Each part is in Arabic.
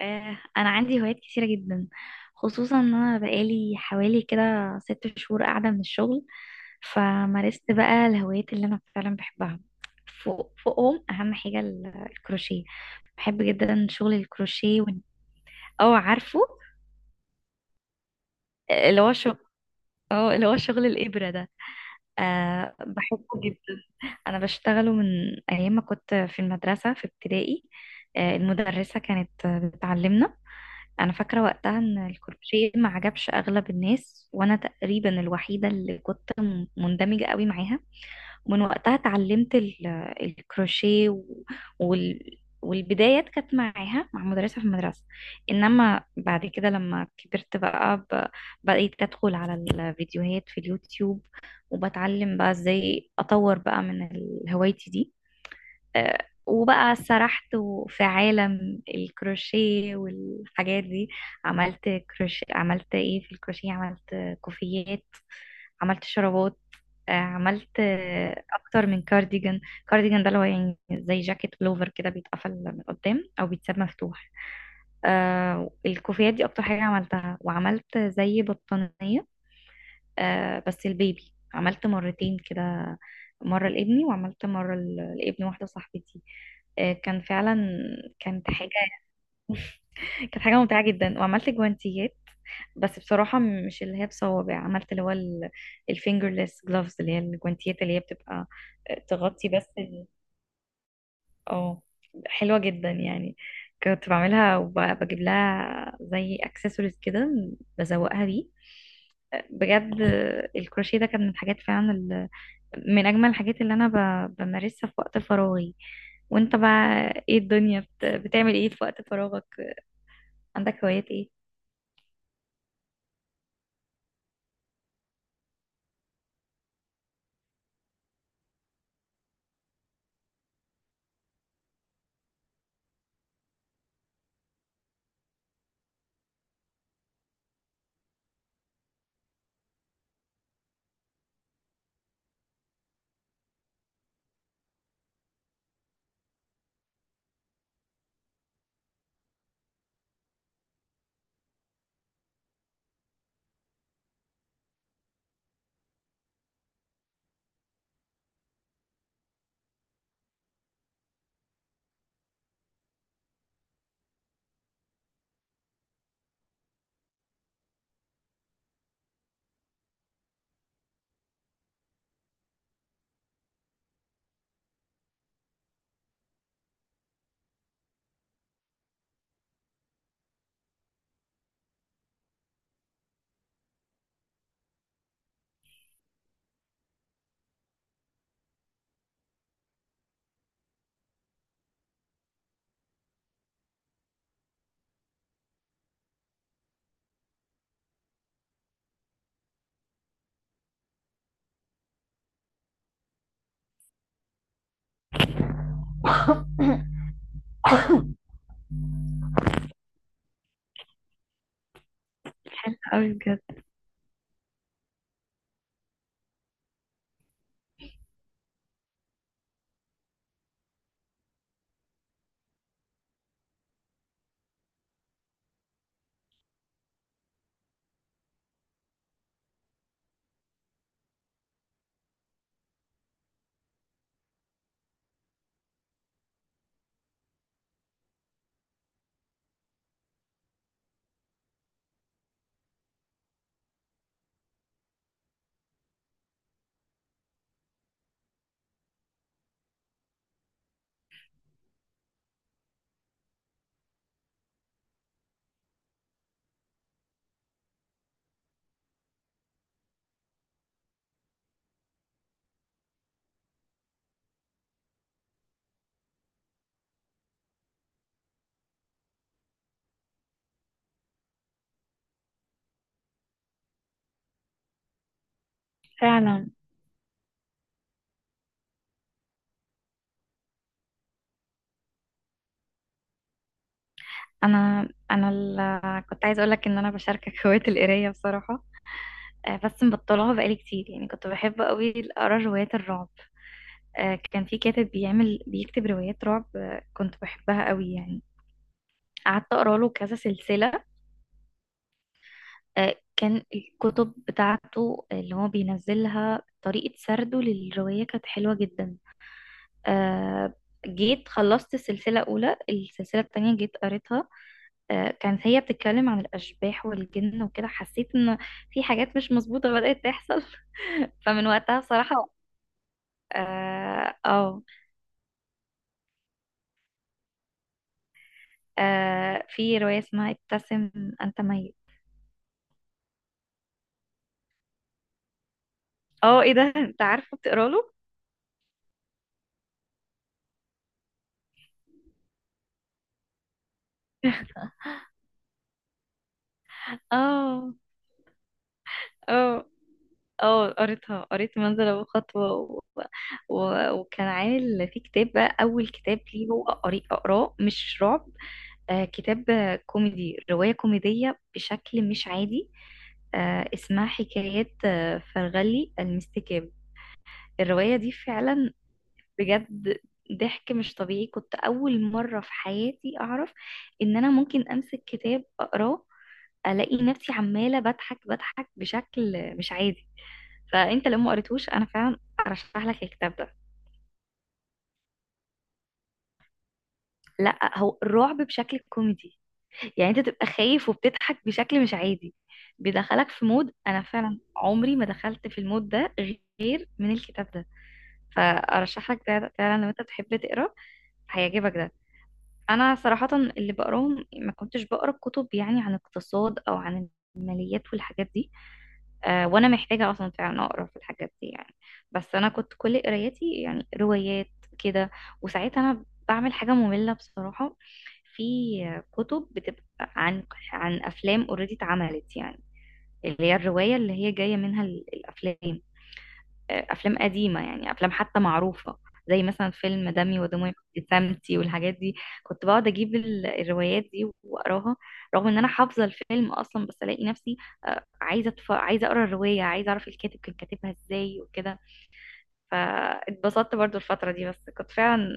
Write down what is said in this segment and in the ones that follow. انا عندي هوايات كتيره جدا، خصوصا ان انا بقالي حوالي كده ست شهور قاعده من الشغل. فمارست بقى الهوايات اللي انا فعلا بحبها. فوقهم اهم حاجه الكروشيه. بحب جدا شغل الكروشيه اه عارفه اللي هو شغل. اه اللي هو شغل الابره ده. أه بحبه جدا. انا بشتغله من ايام ما كنت في المدرسه في ابتدائي. أه المدرسه كانت بتعلمنا. انا فاكره وقتها ان الكروشيه ما عجبش اغلب الناس، وانا تقريبا الوحيده اللي كنت مندمجه قوي معاها. ومن وقتها اتعلمت الكروشيه والبدايات كانت معاها مع مدرسة في المدرسة. إنما بعد كده لما كبرت بقى بقيت أدخل على الفيديوهات في اليوتيوب، وبتعلم بقى إزاي أطور بقى من هوايتي دي. آه، وبقى سرحت في عالم الكروشيه والحاجات دي. عملت كروشيه، عملت ايه في الكروشيه، عملت كوفيات، عملت شرابات، عملت اكتر من كارديجان. كارديجان ده اللي هو يعني زي جاكيت بلوفر كده، بيتقفل من قدام او بيتساب مفتوح. آه، الكوفيات دي اكتر حاجة عملتها، وعملت زي بطانية. آه، بس البيبي عملت مرتين كده، مرة لابني وعملت مرة لابن واحدة صاحبتي. آه كان فعلا كانت حاجة. كانت حاجة ممتعة جدا. وعملت جوانتيات، بس بصراحة مش اللي هي بصوابع، عملت اللي هو الفينجرلس جلوفز، اللي هي الجوانتيات اللي هي بتبقى آه، تغطي بس اه، حلوة جدا يعني. كنت بعملها وبجيب لها زي اكسسوارز كده، بزوقها بيه. آه، بجد الكروشيه ده كان من الحاجات فعلا، من أجمل الحاجات اللي أنا بمارسها في وقت فراغي. وأنت بقى إيه، بتعمل إيه في وقت فراغك؟ عندك هوايات إيه؟ أوي بجد. فعلا أنا كنت عايزة أقولك إن أنا بشاركك هواية القراية بصراحة. آه، بس مبطلها بقالي كتير. يعني كنت بحب قوي اقرا روايات الرعب. آه، كان في كاتب بيكتب روايات رعب، آه، كنت بحبها قوي يعني. قعدت اقرا له كذا سلسله. آه، كان الكتب بتاعته اللي هو بينزلها، طريقة سرده للرواية كانت حلوة جدا. آه، جيت خلصت السلسلة الأولى، السلسلة التانية جيت قريتها. آه، كانت هي بتتكلم عن الأشباح والجن وكده، حسيت إن في حاجات مش مظبوطة بدأت تحصل. فمن وقتها بصراحة. اه. آه، آه، في رواية اسمها ابتسم أنت ميت. اه ايه ده انت عارفه بتقرا له. اه، اه. اه قريتها، قريت منزل ابو خطوه وكان عامل في كتاب بقى، اول كتاب ليه هو اقراه مش رعب. آه كتاب كوميدي، روايه كوميديه بشكل مش عادي، آه اسمها حكايات آه فرغلي المستكاب. الروايه دي فعلا بجد ضحك مش طبيعي. كنت اول مره في حياتي اعرف ان انا ممكن امسك كتاب اقراه، الاقي نفسي عماله بضحك بضحك بشكل مش عادي. فانت لو ما قريتوش انا فعلا ارشح لك الكتاب ده. لا، هو الرعب بشكل كوميدي، يعني انت تبقى خايف وبتضحك بشكل مش عادي. بيدخلك في مود انا فعلا عمري ما دخلت في المود ده غير من الكتاب ده. فارشح لك ده فعلا لو انت بتحب تقرا، هيعجبك ده. انا صراحة اللي بقراهم، ما كنتش بقرا كتب يعني عن اقتصاد او عن الماليات والحاجات دي. آه، وانا محتاجه اصلا فعلا اقرا في الحاجات دي يعني. بس انا كنت كل قرايتي يعني روايات كده. وساعتها انا بعمل حاجه ممله بصراحه، في كتب بتبقى عن، عن افلام اوريدي اتعملت، يعني اللي هي الروايه اللي هي جايه منها الافلام. افلام قديمه، يعني افلام حتى معروفه، زي مثلا فيلم دمي ودموعي وابتسامتي والحاجات دي. كنت بقعد اجيب الروايات دي واقراها، رغم ان انا حافظه الفيلم اصلا. بس الاقي نفسي آه، عايزه اقرا الروايه، عايزه اعرف الكاتب كان كاتبها ازاي وكده. فاتبسطت برضو الفتره دي. بس كنت فعلا،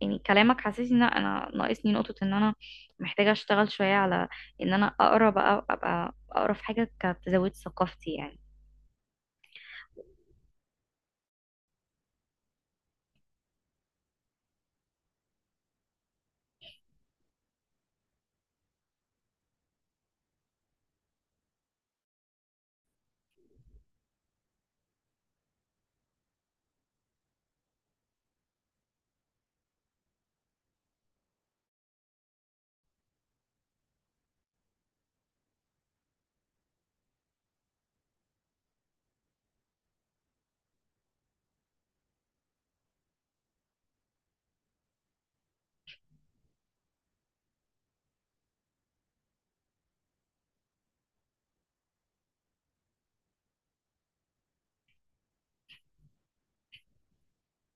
يعني كلامك حسسني ان انا ناقصني نقطه، ان انا محتاجه اشتغل شويه على ان انا اقرا بقى ابقى اقرا في حاجه كانت تزود ثقافتي يعني.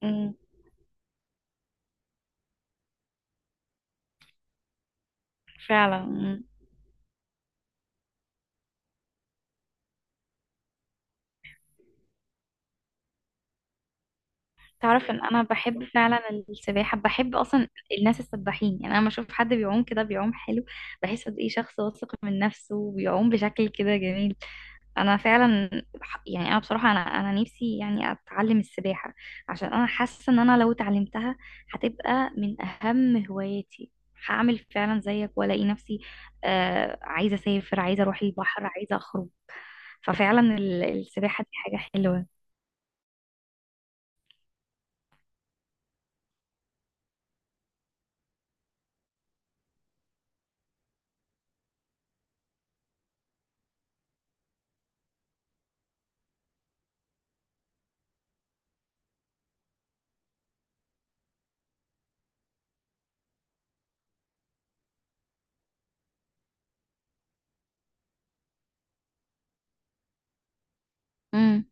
مم، فعلا. تعرف ان انا بحب فعلا السباحة، بحب اصلا الناس السباحين. يعني انا لما اشوف حد بيعوم كده بيعوم حلو، بحس قد ايه شخص واثق من نفسه وبيعوم بشكل كده جميل. انا فعلا يعني انا بصراحة انا نفسي يعني اتعلم السباحة، عشان انا حاسة ان انا لو اتعلمتها هتبقى من اهم هواياتي. هعمل فعلا زيك والاقي نفسي آه عايزة اسافر، عايزة اروح البحر، عايزة اخرج. ففعلا السباحة دي حاجة حلوة. امم.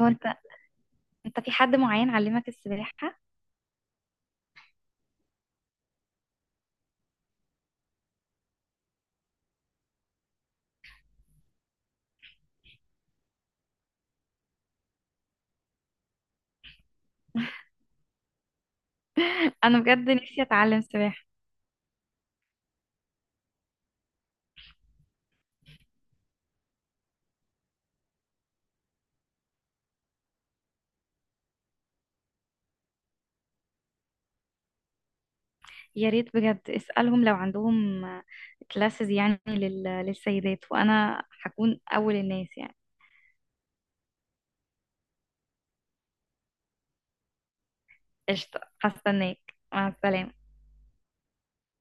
هو انت في حد معين علمك السباحة؟ انا بجد نفسي اتعلم سباحة. يا ريت بجد اسألهم لو عندهم كلاسز يعني للسيدات، وانا هكون اول الناس يعني. قشطة، هستناك. مع السلامة.